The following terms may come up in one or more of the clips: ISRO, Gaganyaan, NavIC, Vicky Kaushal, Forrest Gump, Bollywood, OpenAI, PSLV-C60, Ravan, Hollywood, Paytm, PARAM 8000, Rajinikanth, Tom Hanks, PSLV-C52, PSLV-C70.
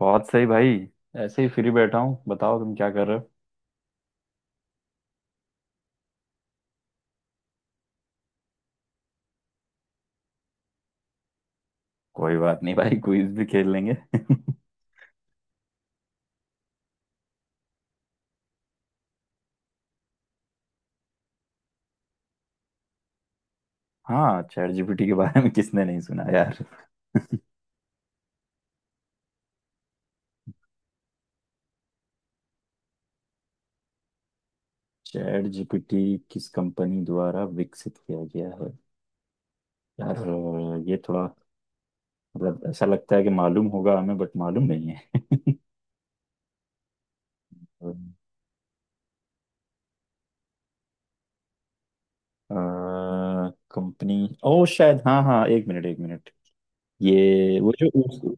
बहुत सही भाई। ऐसे ही फ्री बैठा हूँ, बताओ तुम क्या कर रहे हो। कोई बात नहीं भाई, क्विज भी खेल लेंगे। हाँ, चैट जीपीटी के बारे में किसने नहीं सुना यार। चैट जीपीटी किस कंपनी द्वारा विकसित किया गया है। यार ये थोड़ा, मतलब ऐसा लगता है कि मालूम होगा हमें बट मालूम नहीं है। कंपनी ओ शायद, हाँ हाँ, एक मिनट एक मिनट। ये वो जो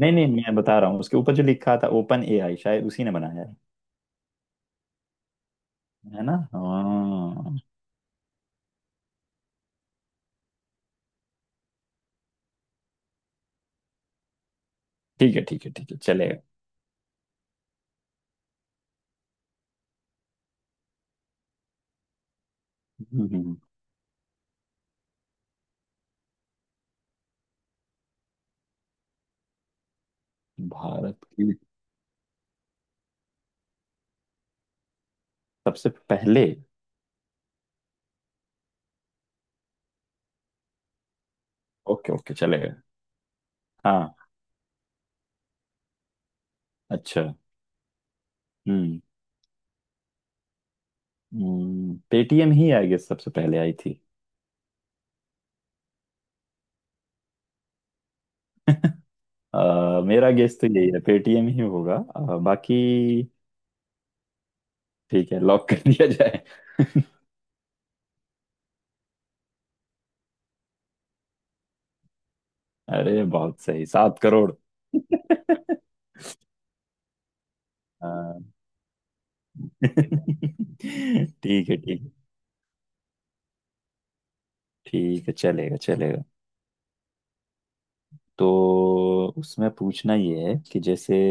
नहीं नहीं, मैं बता रहा हूँ उसके ऊपर जो लिखा था ओपन एआई, शायद उसी ने बनाया है। है ना, हाँ। ठीक है ठीक है ठीक है, चलेगा। हम्म, हम्म, भारत की सबसे पहले। ओके ओके, चलेगा। हाँ। अच्छा। हम्म। पेटीएम ही आई गेस सबसे पहले आई थी। मेरा गेस तो यही है, पेटीएम ही होगा। बाकी ठीक है, लॉक कर दिया जाए। अरे बहुत सही, 7 करोड़। हाँ। ठीक है ठीक है ठीक है, चलेगा चलेगा। तो उसमें पूछना ये है कि जैसे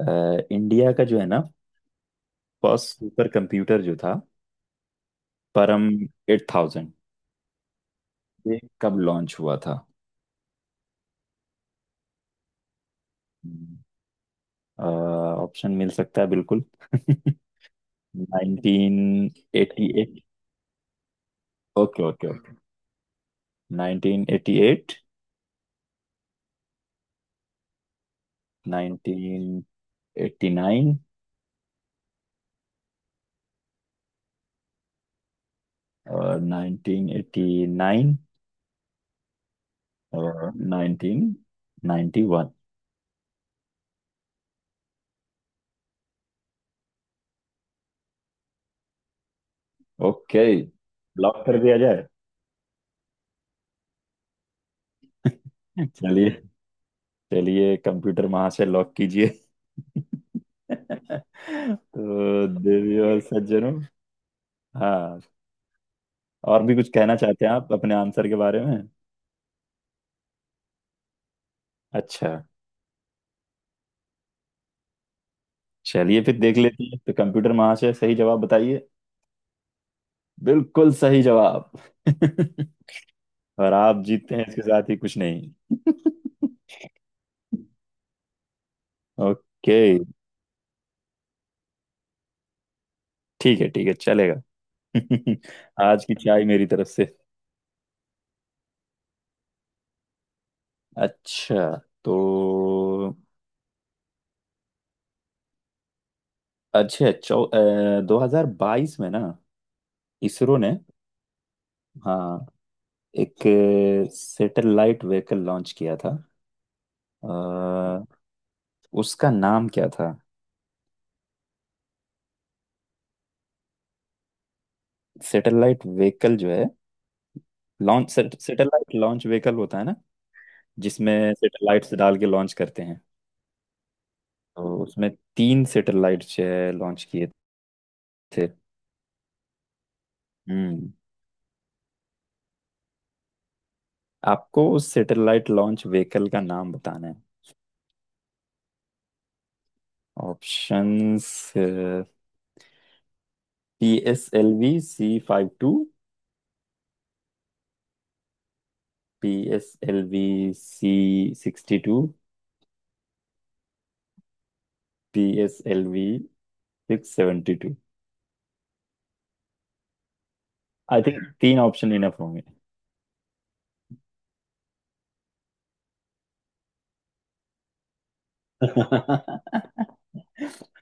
अ, इंडिया का जो है ना, फर्स्ट सुपर कंप्यूटर जो था, परम 8000, ये कब लॉन्च हुआ था। ऑप्शन मिल सकता है बिल्कुल। 1988। Okay okay okay. 1988, 1989 और 1989 और 1991। ओके, लॉक कर दिया जाए। चलिए चलिए, कंप्यूटर वहां से लॉक कीजिए। तो देवी और सज्जनों, हाँ, और भी कुछ कहना चाहते हैं आप अपने आंसर के बारे में। अच्छा चलिए, फिर देख लेते हैं। तो कंप्यूटर महाशय, सही जवाब बताइए। बिल्कुल सही जवाब। और आप जीतते हैं इसके साथ ही कुछ नहीं। ओके। ठीक है ठीक है, चलेगा। आज की चाय मेरी तरफ से। अच्छा, तो अच्छा, चौ 2022 में ना, इसरो ने। हाँ। एक सैटेलाइट व्हीकल लॉन्च किया था। अ, उसका नाम क्या था। सैटेलाइट व्हीकल जो है, लॉन्च सैटेलाइट लॉन्च व्हीकल होता है ना, जिसमें सैटेलाइट्स डाल के लॉन्च करते हैं। तो उसमें तीन सैटेलाइट्स लॉन्च किए थे। हम्म। आपको उस सैटेलाइट लॉन्च व्हीकल का नाम बताना है। Options, P S L V C 52, P S L V C 62, P S L we 672। I think तीन ऑप्शन इनफ होंगे।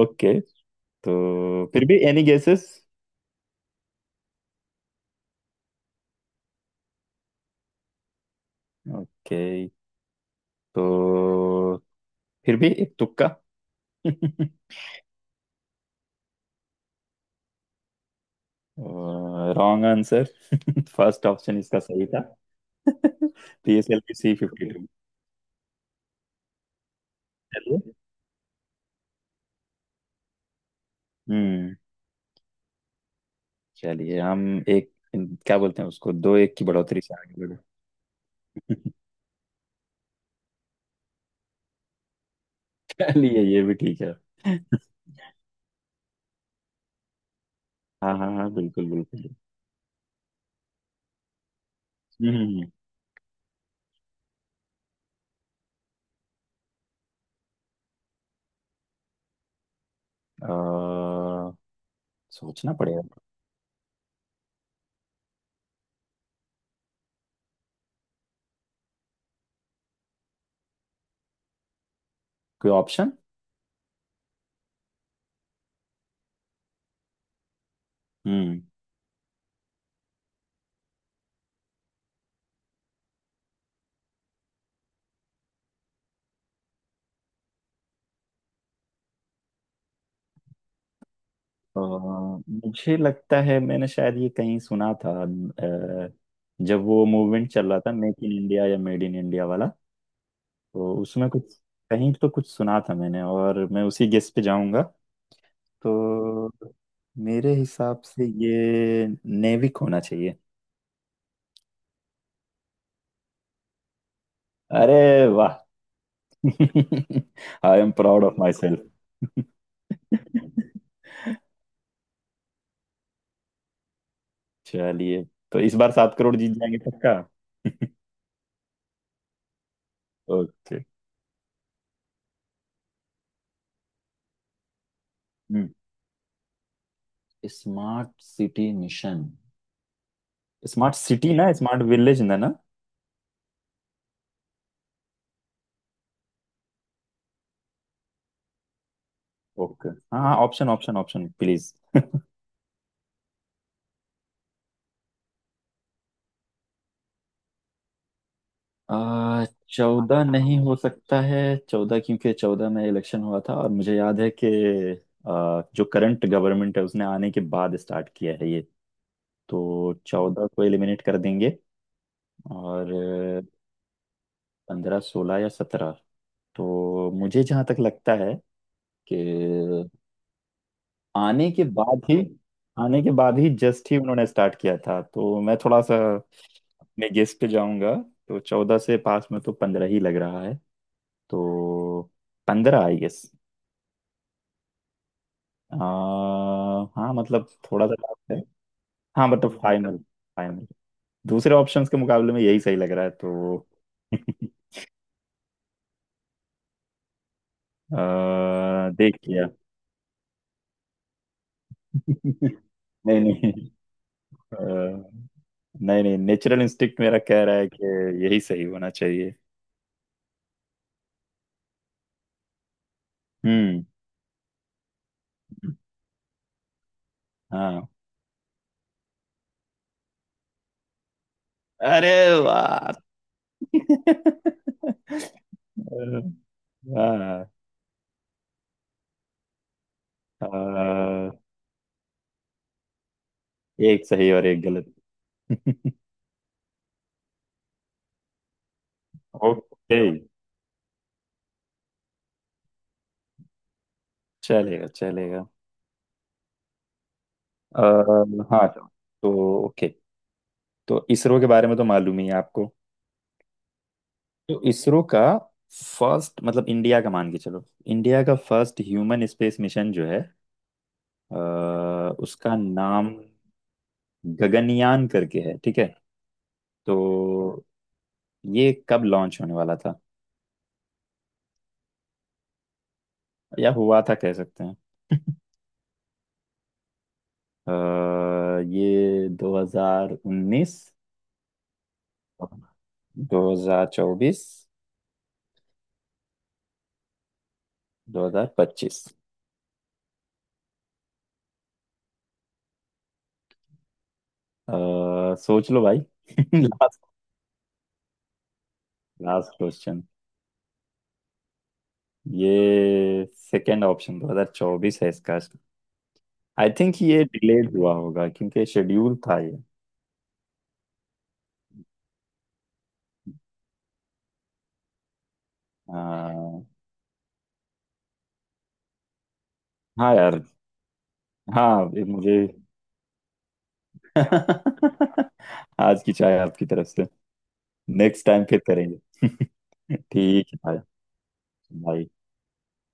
ओके, तो फिर भी एनी गेसेस। ओके, तो फिर भी एक तुक्का। Wrong answer. फर्स्ट ऑप्शन इसका सही था। पीएसएल की सी 52। चलिए। हम्म। चलिए हम, एक क्या बोलते हैं उसको, दो एक की बढ़ोतरी से आगे बढ़े। चलिए ये भी ठीक है। हाँ हाँ हाँ, बिल्कुल बिल्कुल। हम्म। अ, सोचना पड़ेगा। कोई ऑप्शन। हम्म। अ, मुझे लगता है मैंने शायद ये कहीं सुना था, जब वो मूवमेंट चल रहा था, मेक इन इंडिया या मेड इन इंडिया वाला। तो उसमें कुछ, कहीं तो कुछ सुना था मैंने, और मैं उसी गेस पे जाऊंगा। तो मेरे हिसाब से ये नेविक होना चाहिए। अरे वाह। आई am proud of myself. चलिए, तो इस बार 7 करोड़ जीत जाएंगे पक्का। ओके। हम्म। Smart city mission. Smart city ना, स्मार्ट विलेज, ना ना। ओके हाँ हाँ, ऑप्शन ऑप्शन ऑप्शन प्लीज। आ, चौदह नहीं हो सकता है। चौदह क्योंकि चौदह में इलेक्शन हुआ था और मुझे याद है कि जो करंट गवर्नमेंट है उसने आने के बाद स्टार्ट किया है ये। तो चौदह को एलिमिनेट कर देंगे। और पंद्रह सोलह या सत्रह। तो मुझे जहाँ तक लगता है कि आने के बाद ही, आने के बाद ही जस्ट ही उन्होंने स्टार्ट किया था। तो मैं थोड़ा सा अपने गेस पे जाऊंगा। तो चौदह से पास में तो पंद्रह ही लग रहा है। तो पंद्रह आई गेस। हाँ, मतलब थोड़ा सा डाउट है। हाँ, मतलब फाइनल, फाइनल। दूसरे ऑप्शंस के मुकाबले में यही सही लग रहा है तो। देख लिया। नहीं नहीं, अह, नहीं नहीं, नेचुरल इंस्टिक्ट मेरा कह रहा है कि यही सही होना चाहिए। हम्म। हाँ। अरे वाह। हाँ, हाँ, एक सही और एक गलत। ओके, चलेगा चलेगा। आ, हाँ तो ओके, तो इसरो के बारे में तो मालूम ही है आपको। तो इसरो का फर्स्ट मतलब, इंडिया का मान के चलो, इंडिया का फर्स्ट ह्यूमन स्पेस मिशन जो है, अ, उसका नाम गगनयान करके है, ठीक है। तो ये कब लॉन्च होने वाला था या हुआ था कह सकते हैं। ये 2019, 2024, 2025। सोच लो भाई। Last last question. ये सेकंड ऑप्शन 2024 है इसका। आई थिंक ये डिलेड हुआ होगा क्योंकि शेड्यूल था ये। अ, हाँ यार। हाँ ये मुझे। आज की चाय आपकी तरफ से। नेक्स्ट टाइम फिर करेंगे। ठीक है भाई। भाई।